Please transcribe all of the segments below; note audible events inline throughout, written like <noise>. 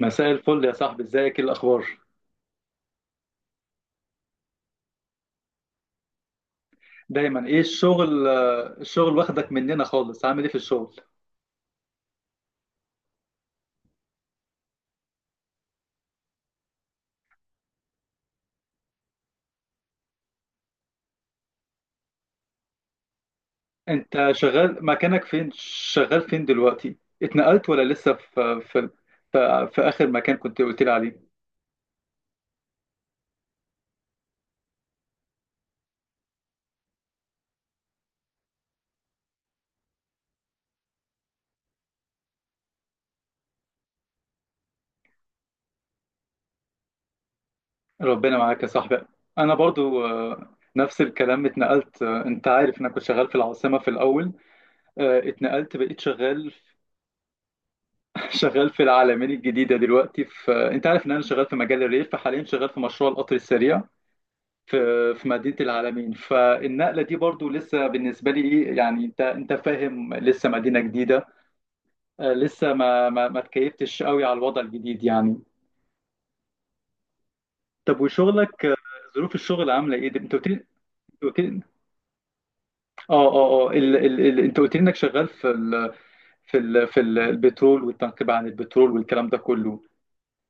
مساء الفل يا صاحبي، ازيك؟ ايه الاخبار؟ دايما، ايه الشغل؟ الشغل واخدك مننا خالص. عامل ايه في الشغل؟ انت شغال مكانك فين؟ شغال فين دلوقتي؟ اتنقلت ولا لسه في اخر مكان كنت قلت لي عليه؟ ربنا معاك يا صاحبي. انا برضو نفس الكلام، اتنقلت. انت عارف انا كنت شغال في العاصمة في الاول. اتنقلت بقيت شغال. <laughs> شغال في العلمين الجديدة دلوقتي. في آه، انت عارف ان انا شغال في مجال الريف، فحاليا شغال في مشروع القطر السريع في في مدينة العالمين. فالنقلة دي برضو لسه بالنسبة لي ايه يعني، انت فاهم، لسه مدينة جديدة. لسه ما اتكيفتش قوي على الوضع الجديد يعني. طب وشغلك، ظروف الشغل عاملة ايه؟ انت قلت لي... أنت قلت لي- اه اه اه ال... ال... ال... انت قلت لي انك شغال في البترول والتنقيب عن البترول والكلام ده كله.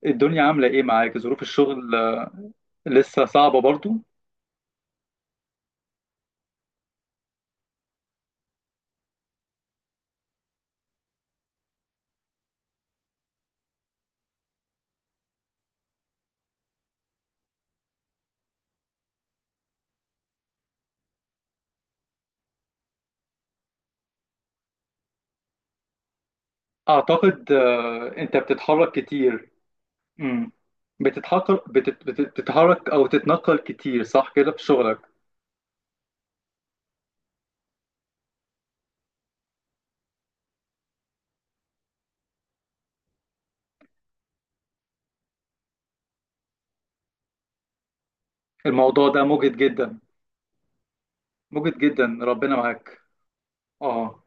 الدنيا عاملة ايه معاك؟ ظروف الشغل لسه صعبة برضو؟ اعتقد انت بتتحرك كتير. امم بتتحرك او تتنقل كتير، صح كده في شغلك؟ الموضوع ده مجهد جدا. مجهد جدا، ربنا معاك. اه.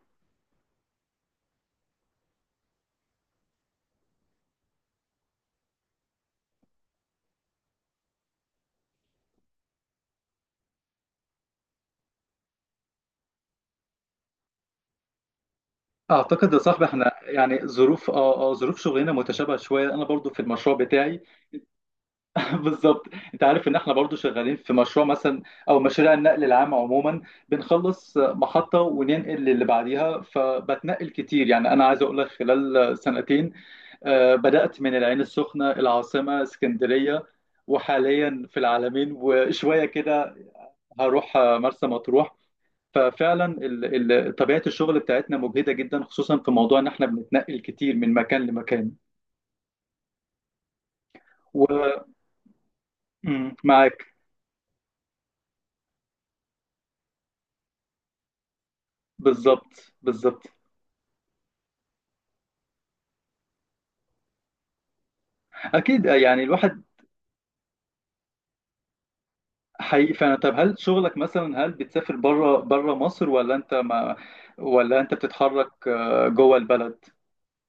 اعتقد يا صاحبي احنا يعني ظروف اه اه ظروف شغلنا متشابهه شويه، انا برضو في المشروع بتاعي. <laughs> بالظبط. انت عارف ان احنا برضو شغالين في مشروع مثلا، او مشاريع النقل العام عموما. بنخلص محطه وننقل للي بعديها، فبتنقل كتير يعني. انا عايز اقول لك خلال سنتين بدأت من العين السخنة، العاصمة، اسكندرية، وحاليا في العالمين وشوية كده. هروح مرسى مطروح. ففعلا طبيعة الشغل بتاعتنا مجهدة جدا، خصوصا في موضوع ان احنا بنتنقل كتير من مكان لمكان. ومعاك. بالظبط، بالظبط. اكيد، يعني الواحد... حقيقي فعلا. طب هل شغلك مثلا، هل بتسافر بره مصر، ولا انت ما... ولا انت بتتحرك جوه البلد؟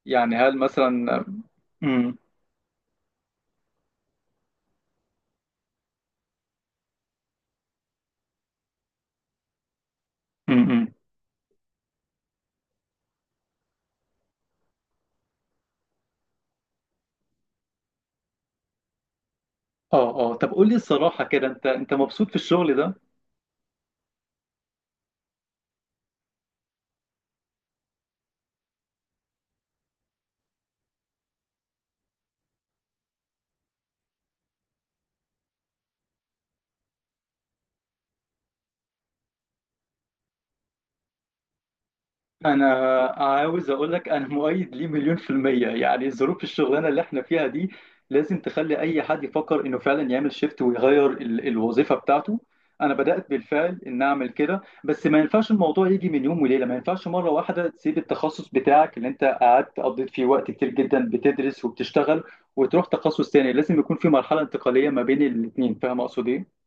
يعني هل مثلا... مم. مم. اه طب قول لي الصراحة كده، انت مبسوط في الشغل ده؟ انا عاوز اقول لك انا مؤيد ليه 1,000,000%، يعني ظروف الشغلانة اللي احنا فيها دي لازم تخلي اي حد يفكر انه فعلا يعمل شيفت ويغير الوظيفة بتاعته. انا بدأت بالفعل ان اعمل كده، بس ما ينفعش الموضوع يجي من يوم وليلة. ما ينفعش مرة واحدة تسيب التخصص بتاعك اللي انت قعدت قضيت فيه وقت كتير جدا بتدرس وبتشتغل، وتروح تخصص تاني. لازم يكون في مرحلة انتقالية ما بين الاتنين. فاهم اقصد ايه؟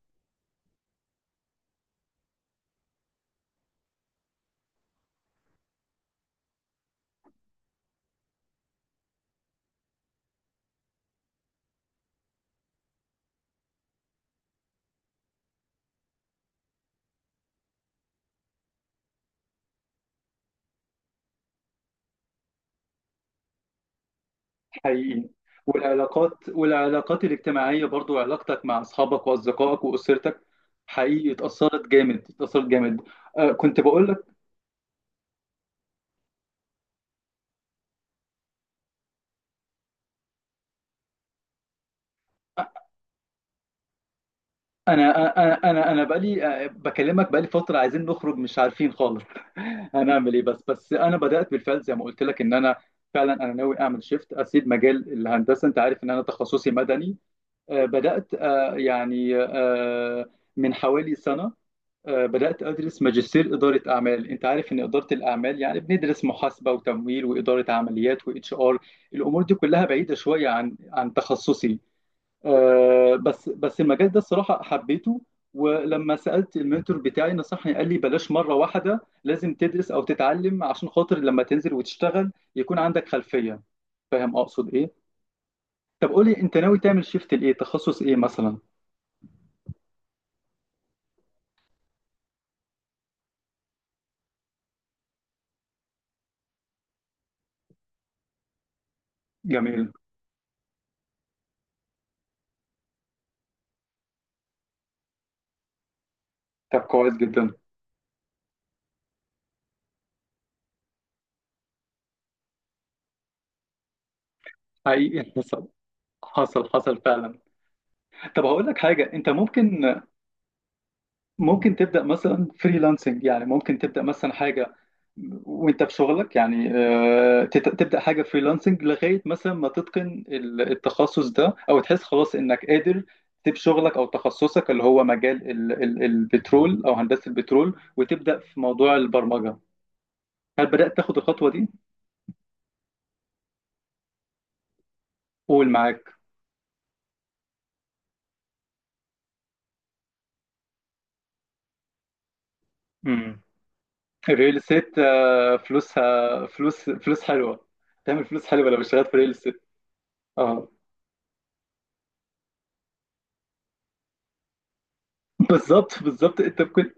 حقيقي. والعلاقات الاجتماعية برضو، علاقتك مع أصحابك وأصدقائك وأسرتك. حقيقي، اتأثرت جامد، اتأثرت جامد. كنت بقول لك. أنا أنا بقالي بكلمك بقالي فترة، عايزين نخرج مش عارفين خالص. <laughs> هنعمل إيه؟ بس أنا بدأت بالفعل زي ما قلت لك إن أنا فعلا. أنا ناوي أعمل شيفت، أسيب مجال الهندسة. أنت عارف إن أنا تخصصي مدني. آه بدأت آه يعني آه من حوالي سنة بدأت أدرس ماجستير إدارة أعمال. أنت عارف إن إدارة الأعمال يعني بندرس محاسبة وتمويل وإدارة عمليات وإتش آر، الأمور دي كلها بعيدة شوية عن تخصصي. بس المجال ده الصراحة حبيته. ولما سألت المنتور بتاعي نصحني، قال لي بلاش مرة واحدة، لازم تدرس أو تتعلم عشان خاطر لما تنزل وتشتغل يكون عندك خلفية. فاهم أقصد إيه؟ طب قولي، أنت ناوي تعمل شيفت لإيه؟ تخصص إيه مثلا؟ جميل. طب كويس جدا. حقيقي، حصل، حصل حصل فعلا. طب هقول لك حاجة، انت ممكن... تبدأ مثلا فريلانسنج، يعني ممكن تبدأ مثلا حاجة وانت في شغلك. يعني تبدأ حاجة فريلانسنج لغاية مثلا ما تتقن التخصص ده، او تحس خلاص انك قادر تسيب شغلك او تخصصك اللي هو مجال البترول او هندسة البترول، وتبدأ في موضوع البرمجة. هل بدأت تاخد الخطوة دي؟ قول معاك. امم الريل استيت فلوسها فلوس، فلوس حلوة. تعمل فلوس حلوة لو اشتغلت في الريل استيت. بالظبط، بالظبط، انت ممكن...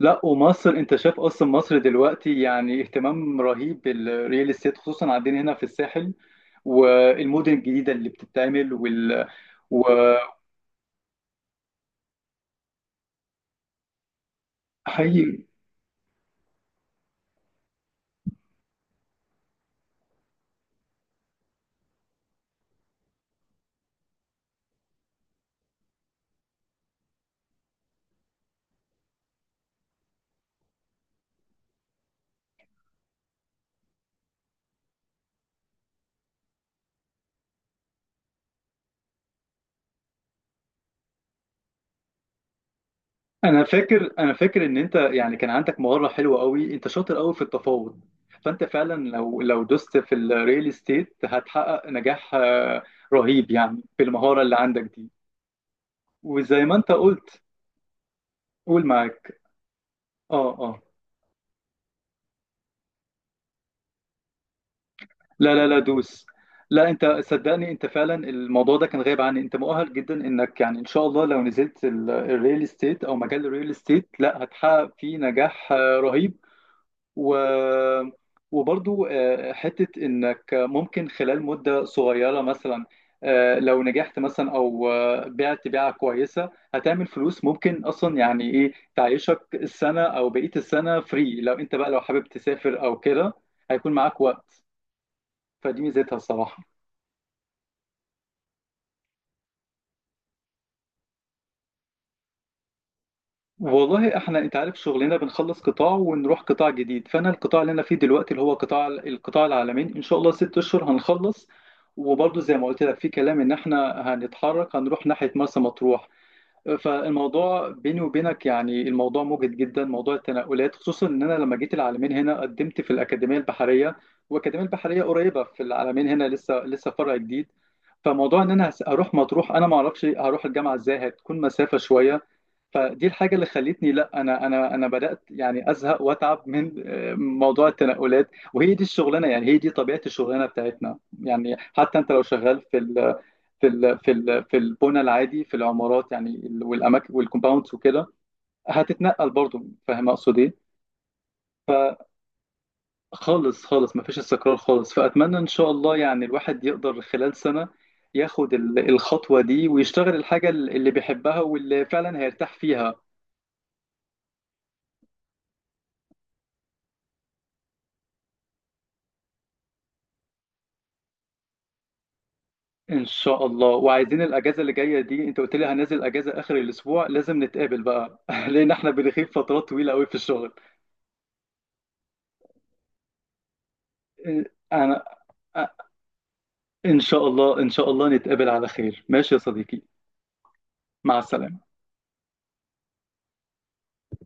لا، ومصر انت شايف اصلا، مصر دلوقتي يعني اهتمام رهيب بالريال استيت، خصوصا عندنا هنا في الساحل والمدن الجديده اللي بتتعمل وحقيقي. انا فاكر ان انت يعني كان عندك مهاره حلوه قوي، انت شاطر قوي في التفاوض. فانت فعلا لو دوست في الريل استيت هتحقق نجاح رهيب، يعني بالمهاره اللي عندك دي. وزي ما انت قلت... قول معاك. اه. آه. لا، لا، لا، دوس. لا، انت صدقني، انت فعلا الموضوع ده كان غايب عني. انت مؤهل جدا انك يعني، ان شاء الله، لو نزلت الريل استيت او مجال الريل استيت، لا، هتحقق فيه نجاح رهيب. و وبرضو حتة انك ممكن خلال مدة صغيرة مثلا، لو نجحت مثلا او بعت بيعة كويسة، هتعمل فلوس ممكن اصلا يعني ايه تعيشك السنة او بقية السنة فري. لو انت بقى، لو حابب تسافر او كده، هيكون معاك وقت. فدي ميزتها الصراحة. والله احنا، انت عارف شغلنا بنخلص قطاع ونروح قطاع جديد. فانا القطاع اللي انا فيه دلوقتي اللي هو القطاع العالمين، ان شاء الله 6 اشهر هنخلص. وبرضه زي ما قلت لك في كلام ان احنا هنتحرك، هنروح ناحية مرسى مطروح. فالموضوع بيني وبينك يعني، الموضوع مجهد جدا، موضوع التنقلات. خصوصا ان انا لما جيت العالمين هنا قدمت في الاكاديميه البحريه، والاكاديميه البحريه قريبه في العالمين هنا، لسه لسه فرع جديد. فموضوع ان انا اروح مطروح، انا ما اعرفش هروح الجامعه ازاي، هتكون مسافه شويه. فدي الحاجه اللي خلتني. لا، انا بدات يعني ازهق واتعب من موضوع التنقلات. وهي دي الشغلانه يعني، هي دي طبيعه الشغلانه بتاعتنا يعني. حتى انت لو شغال في البنى العادي، في العمارات يعني، والاماكن والكومباوندز وكده، هتتنقل برضو. فاهم اقصد ايه؟ خالص، خالص، مفيش استقرار خالص. فاتمنى ان شاء الله يعني الواحد يقدر خلال سنة ياخد الخطوة دي، ويشتغل الحاجة اللي بيحبها واللي فعلا هيرتاح فيها. ان شاء الله. وعايزين الاجازة اللي جاية دي، انت قلت لي هنزل اجازة اخر الاسبوع، لازم نتقابل بقى. <laughs> لان احنا بنغيب فترات طويلة قوي في الشغل. انا ان شاء الله، ان شاء الله نتقابل على خير. ماشي يا صديقي. مع السلامة.